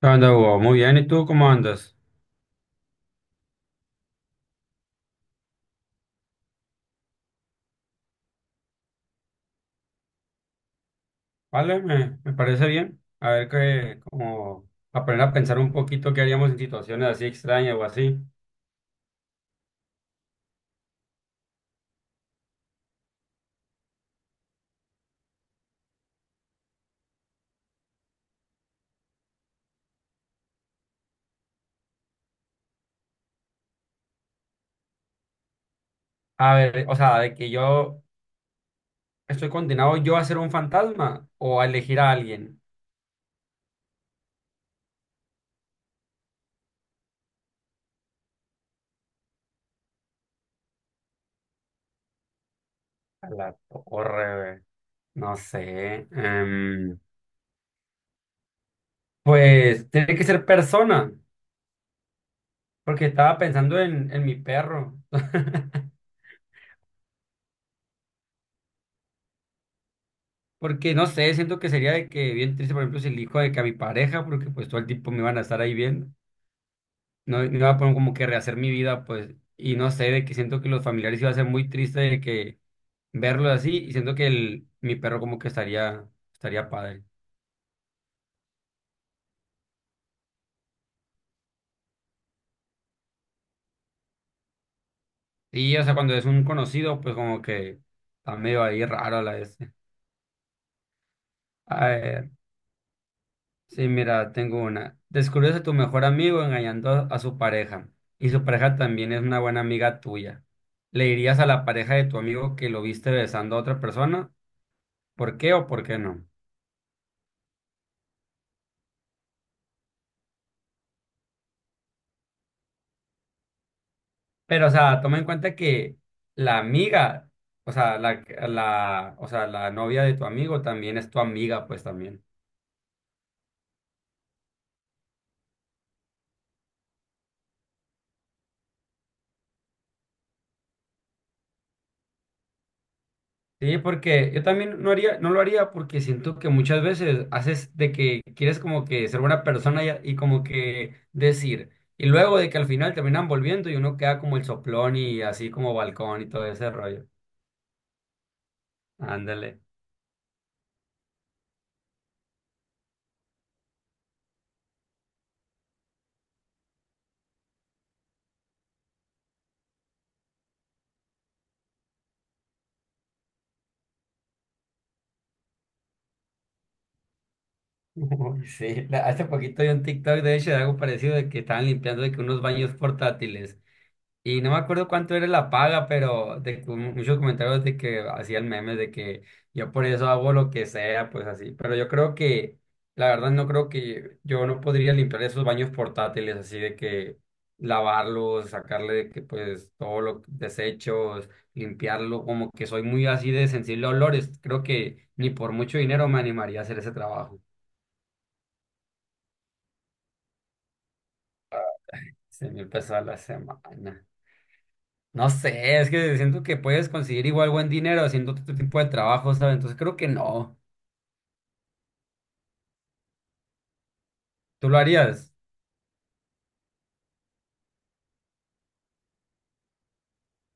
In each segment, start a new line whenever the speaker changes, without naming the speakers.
¿Qué onda, Hugo? Muy bien, ¿y tú cómo andas? Vale, me parece bien. A ver qué, como aprender a pensar un poquito qué haríamos en situaciones así extrañas o así. A ver, o sea, de que yo estoy condenado yo a ser un fantasma o a elegir a alguien. A la torre, güey. No sé. Pues tiene que ser persona, porque estaba pensando en mi perro. Porque no sé, siento que sería de que bien triste, por ejemplo, si elijo de que a mi pareja, porque pues todo el tiempo me van a estar ahí viendo. No, no iba a poner como que rehacer mi vida, pues, y no sé, de que siento que los familiares iba a ser muy triste de que verlo así, y siento que mi perro como que estaría padre. Y, o sea, cuando es un conocido, pues como que está medio ahí raro la este. A ver, sí, mira, tengo una. Descubres a tu mejor amigo engañando a su pareja, y su pareja también es una buena amiga tuya. ¿Le dirías a la pareja de tu amigo que lo viste besando a otra persona? ¿Por qué o por qué no? Pero, o sea, toma en cuenta que la amiga, o sea, o sea, la novia de tu amigo también es tu amiga, pues también. Sí, porque yo también no lo haría porque siento que muchas veces haces de que quieres como que ser buena persona y como que decir, y luego de que al final terminan volviendo y uno queda como el soplón y así como balcón y todo ese rollo. Ándale. Uy, sí, hace poquito vi un TikTok de hecho de algo parecido de que estaban limpiando de que unos baños portátiles. Y no me acuerdo cuánto era la paga, pero de, que muchos comentarios de que hacían memes de que yo por eso hago lo que sea, pues así. Pero yo creo que, la verdad, no creo que yo no podría limpiar esos baños portátiles, así de que lavarlos, sacarle de que pues todos los desechos, limpiarlo, como que soy muy así de sensible a olores. Creo que ni por mucho dinero me animaría a hacer ese trabajo. 100,000 pesos a la semana. No sé, es que siento que puedes conseguir igual buen dinero haciendo otro tipo de trabajo, ¿sabes? Entonces creo que no. ¿Tú lo harías?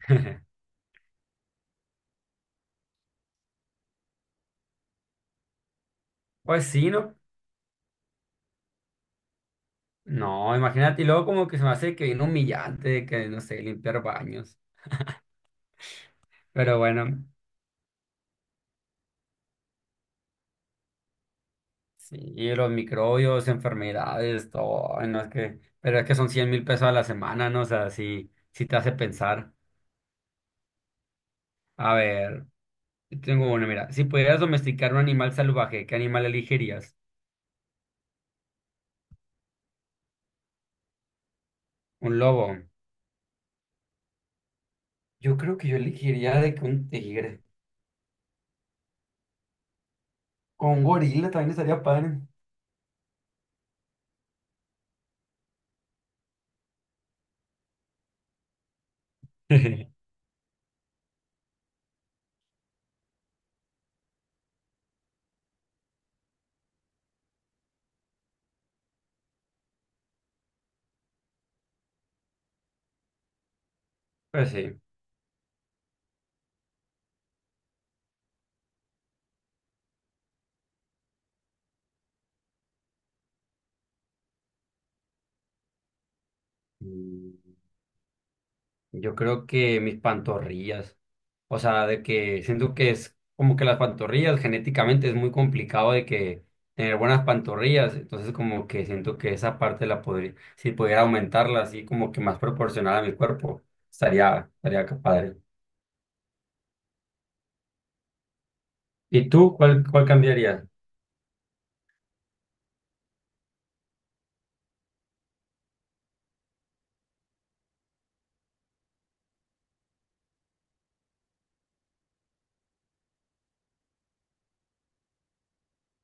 Pues sí, ¿no? No, imagínate, y luego como que se me hace que viene humillante, de que no sé, limpiar baños. Pero bueno, sí, los microbios, enfermedades, todo, ay, no es que, pero es que son 100,000 pesos a la semana, ¿no? O sea, sí, sí te hace pensar. A ver, yo tengo uno, mira, si pudieras domesticar un animal salvaje, ¿qué animal elegirías? Un lobo. Yo creo que yo elegiría de que un tigre. Con un gorila también estaría padre. Pues sí. Mm, Yo creo que mis pantorrillas. O sea, de que siento que es como que las pantorrillas genéticamente es muy complicado de que tener buenas pantorrillas. Entonces como que siento que esa parte la podría, si pudiera aumentarla así como que más proporcional a mi cuerpo, estaría, que padre. ¿Y tú cuál cambiarías?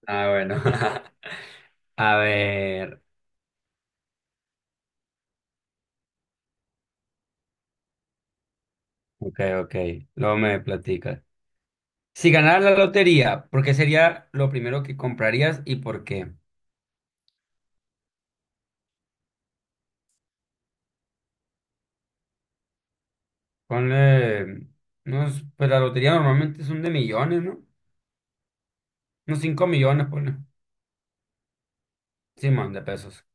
Ah, bueno. A ver. Ok, ok. Luego me platicas. Si ganaras la lotería, ¿por qué sería lo primero que comprarías y por qué? Ponle, no, pues la lotería normalmente son de millones, ¿no? Unos 5 millones, ponle. Simón, de pesos.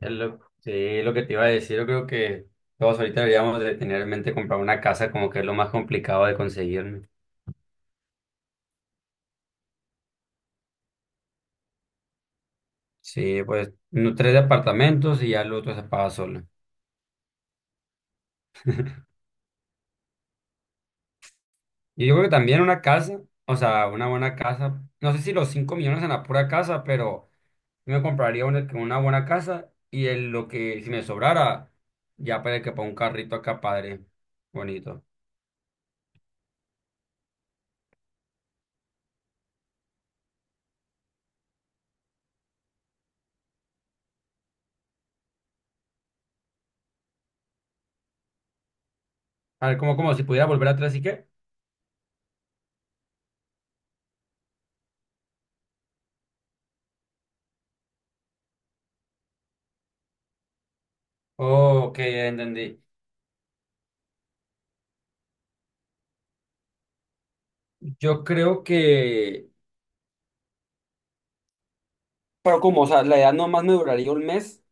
Sí, lo que te iba a decir, yo creo que todos ahorita deberíamos de tener en mente comprar una casa como que es lo más complicado de conseguir, ¿no? Sí, pues no, tres departamentos y ya el otro se paga solo. Y yo creo que también una casa, o sea, una buena casa. No sé si los 5 millones en la pura casa, pero... Yo me compraría una buena casa y lo que, si me sobrara, ya para que ponga un carrito acá, padre. Bonito. A ver, como si pudiera volver atrás y qué. Ok, ya entendí. Yo creo que. Pero como, o sea, la edad nomás me duraría un mes.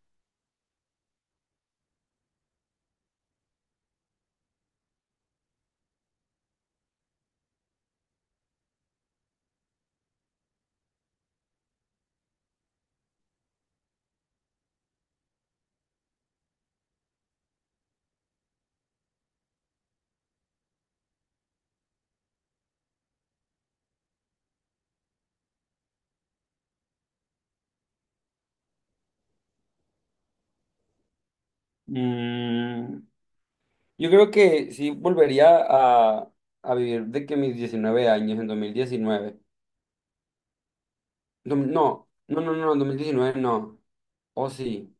mm, yo creo que sí volvería a vivir de que mis 19 años en 2019. No, no, no, no, no, en 2019 no. O sí.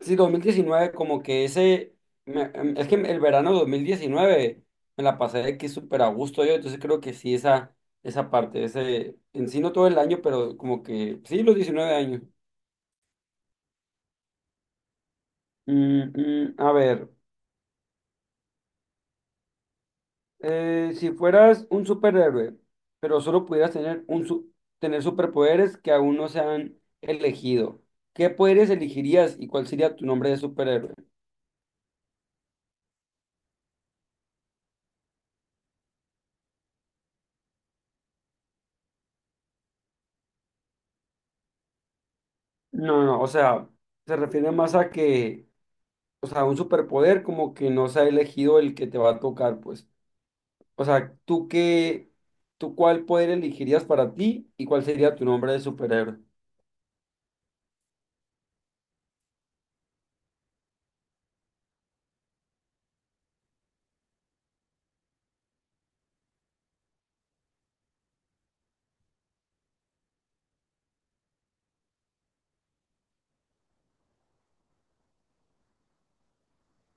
Sí, 2019 como que ese, es que el verano de 2019 me la pasé de que súper a gusto yo, entonces creo que sí, esa, parte, ese, en sí no todo el año, pero como que sí, los 19 años. A ver, si fueras un superhéroe, pero solo pudieras tener, tener superpoderes que aún no se han elegido, ¿qué poderes elegirías y cuál sería tu nombre de superhéroe? No, no, o sea, se refiere más a que o sea, un superpoder como que no se ha elegido el que te va a tocar, pues. O sea, tú cuál poder elegirías para ti y cuál sería tu nombre de superhéroe?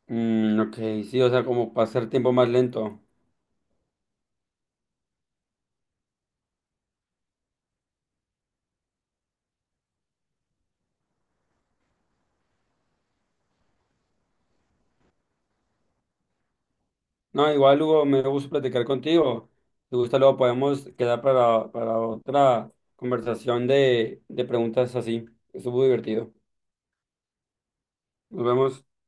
Mm, ok, sí, o sea, como pasar tiempo más lento. No, igual, Hugo, me gusta platicar contigo. Si gusta, luego podemos quedar para otra conversación de preguntas así. Estuvo divertido. Nos vemos.